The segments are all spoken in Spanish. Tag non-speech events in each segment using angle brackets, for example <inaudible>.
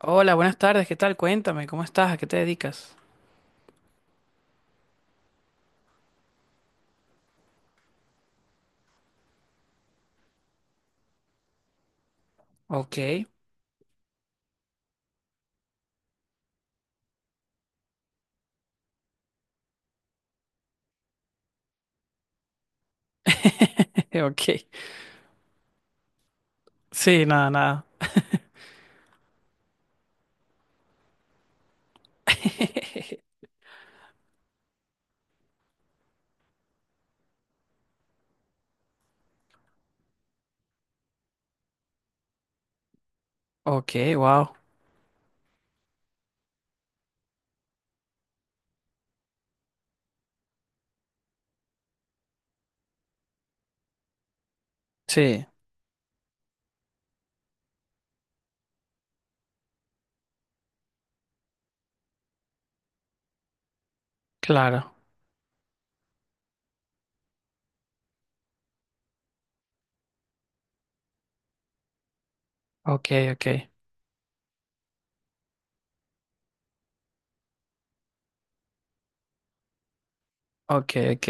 Hola, buenas tardes, ¿qué tal? Cuéntame, ¿cómo estás? ¿A qué te dedicas? Ok. <laughs> Ok. Sí, nada, nada. Ok, wow. Sí, claro. Ok, ok. Ok, ok.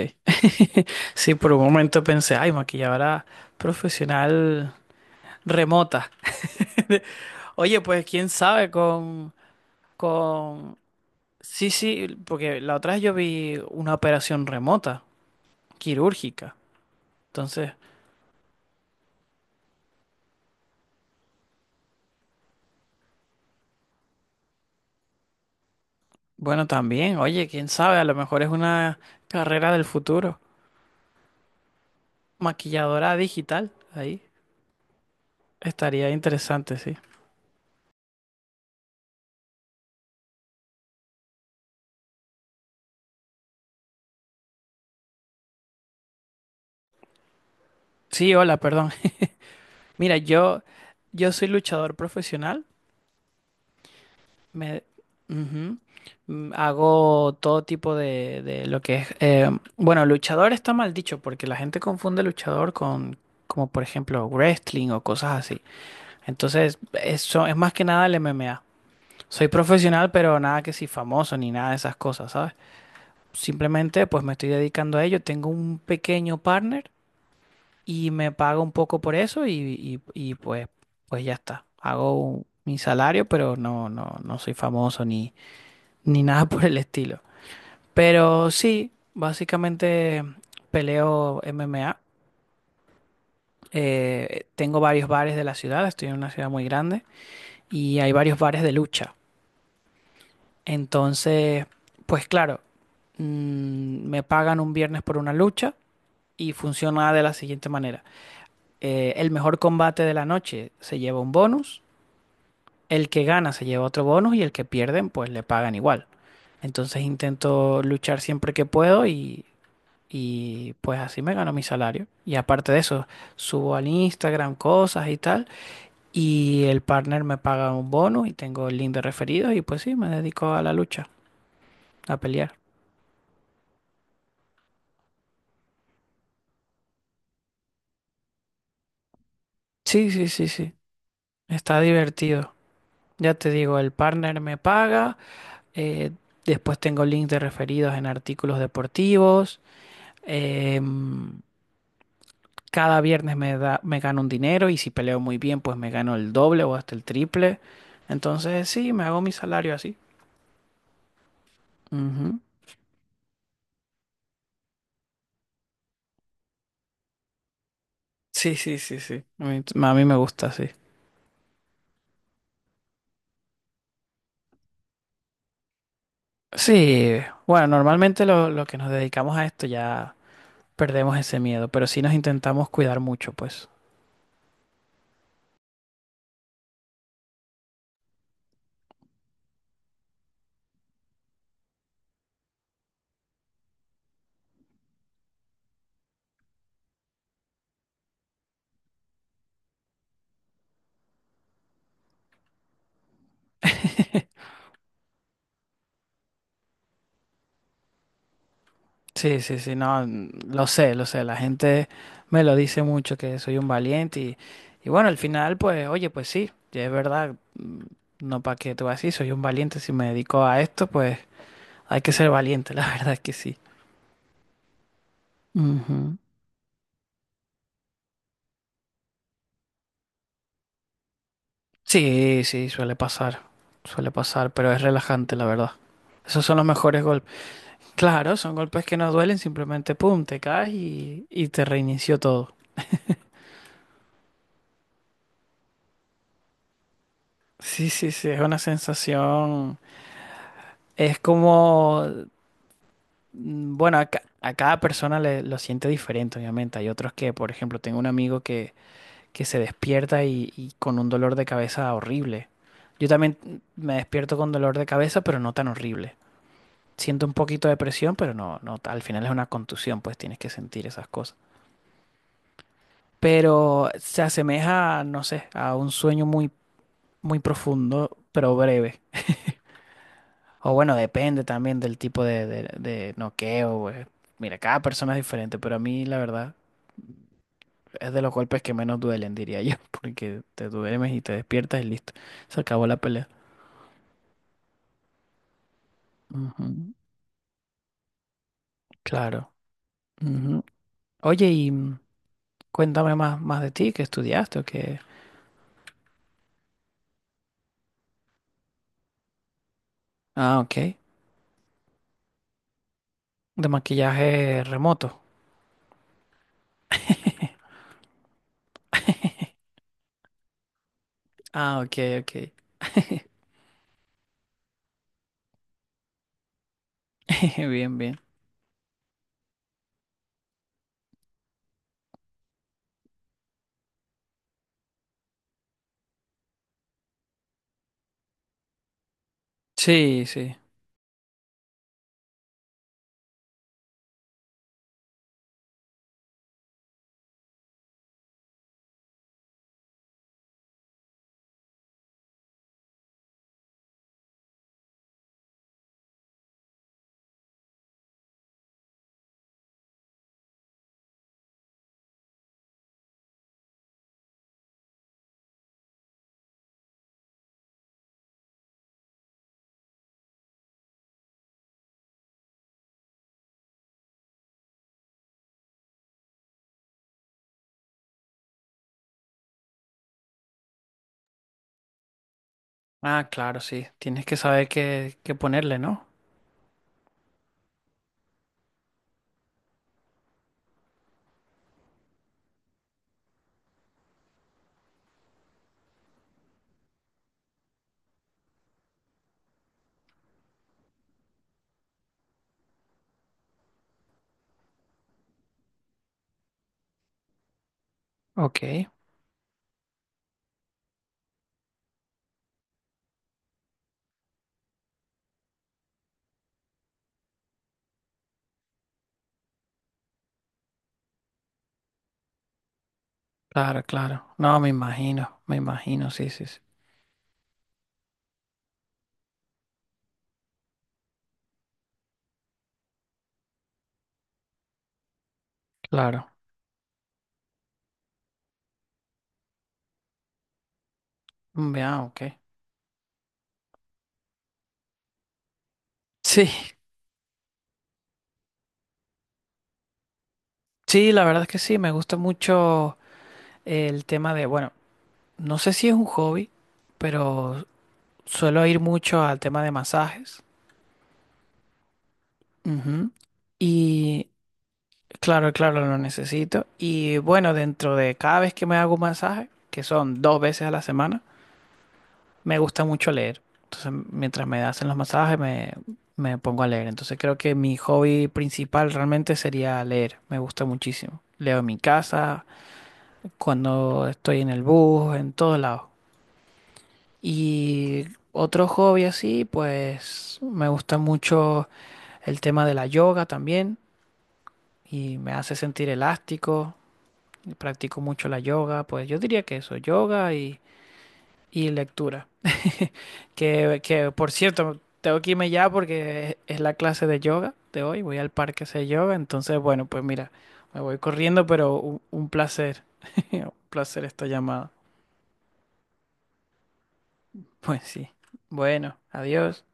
Sí, por un momento pensé, ay, maquilladora profesional remota. Oye, pues quién sabe con... Sí, sí, porque la otra vez yo vi una operación remota, quirúrgica. Entonces, bueno, también, oye, quién sabe, a lo mejor es una carrera del futuro. Maquilladora digital, ahí estaría interesante, sí. Sí, hola, perdón. <laughs> Mira, yo soy luchador profesional, me, ujú, hago todo tipo de lo que es, bueno, luchador está mal dicho porque la gente confunde luchador con, como por ejemplo, wrestling o cosas así. Entonces, eso es más que nada el MMA. Soy profesional, pero nada que si famoso ni nada de esas cosas, ¿sabes? Simplemente pues me estoy dedicando a ello. Tengo un pequeño partner y me paga un poco por eso y, pues, pues ya está. Hago un- mi salario, pero no, no soy famoso ni, ni nada <laughs> por el estilo. Pero sí, básicamente peleo MMA. Tengo varios bares de la ciudad, estoy en una ciudad muy grande y hay varios bares de lucha. Entonces, pues claro, me pagan un viernes por una lucha y funciona de la siguiente manera. El mejor combate de la noche se lleva un bonus. El que gana se lleva otro bonus y el que pierden pues le pagan igual. Entonces intento luchar siempre que puedo y pues así me gano mi salario. Y aparte de eso, subo al Instagram cosas y tal. Y el partner me paga un bonus y tengo el link de referidos y pues sí, me dedico a la lucha, a pelear. Sí, sí, sí, sí. Está divertido. Ya te digo, el partner me paga. eh, Después tengo links de referidos en artículos deportivos. em, Cada viernes me da, me gano un dinero y si peleo muy bien, pues me gano el doble o hasta el triple. Entonces, sí, me hago mi salario así. Ujú. Sí, sí, sí, sí. A mí me gusta sí. Sí, bueno, normalmente lo que nos dedicamos a esto ya perdemos ese miedo, pero sí nos intentamos cuidar mucho, pues. Sí, sí, sí, no, lo sé, la gente me lo dice mucho que soy un valiente y bueno, al final, pues, oye, pues sí, ya es verdad, mm, no para qué te vas a soy un valiente, si me dedico a esto, pues hay que ser valiente, <laughs> la verdad es que sí. Ujú. Sí, sí, suele pasar, pero es relajante, la verdad. Esos son los mejores golpes. Claro, son golpes que no duelen, simplemente, pum, te caes y te reinició todo. Sí, sí, sí, es una sensación, es como... Bueno, a cada persona le, lo siente diferente, obviamente. Hay otros que, por ejemplo, tengo un amigo que se despierta y con un dolor de cabeza horrible. Yo también me despierto con dolor de cabeza, pero no tan horrible. Siento un poquito de presión, pero no, no, al final es una contusión, pues tienes que sentir esas cosas. Pero se asemeja, no sé, a un sueño muy, muy profundo, pero breve. O bueno, depende también del tipo de noqueo, pues. Mira, cada persona es diferente, pero a mí, la verdad. Es de los golpes que menos duelen, diría yo, <laughs> porque te duermes y te despiertas y listo. Se acabó la pelea. Ujú, claro. Ujú. Oye, y cuéntame más de ti, qué estudiaste o qué. Ah, ok. De maquillaje remoto. Ah, ok, ok. <laughs> Bien, bien. Sí, sí. Ah, claro, sí. Tienes que saber qué ponerle, ¿no? Ok. Claro, claro. No, me imagino, sí, sí, sí. Claro. Mm, ah, ok. Sí, sí, la verdad es que sí, me gusta mucho. El tema de, bueno, no sé si es un hobby, pero suelo ir mucho al tema de masajes. Ujú. Y claro, claro, lo necesito. Y bueno, dentro de cada vez que me hago un masaje, que son dos veces a la semana, me gusta mucho leer. Entonces, mientras me hacen los masajes, me pongo a leer. Entonces, creo que mi hobby principal realmente sería leer. Me gusta muchísimo. Leo en mi casa, cuando estoy en el bus, en todos lados. Y otro hobby así, pues me gusta mucho el tema de la yoga también y me hace sentir elástico. Y practico mucho la yoga, pues yo diría que eso, yoga y lectura. <laughs> Que por cierto, tengo que irme ya porque es la clase de yoga de hoy. Voy al parque a hacer yoga, entonces bueno, pues mira, me voy corriendo, pero un placer, <laughs> un placer esta llamada. Pues sí. Bueno, adiós.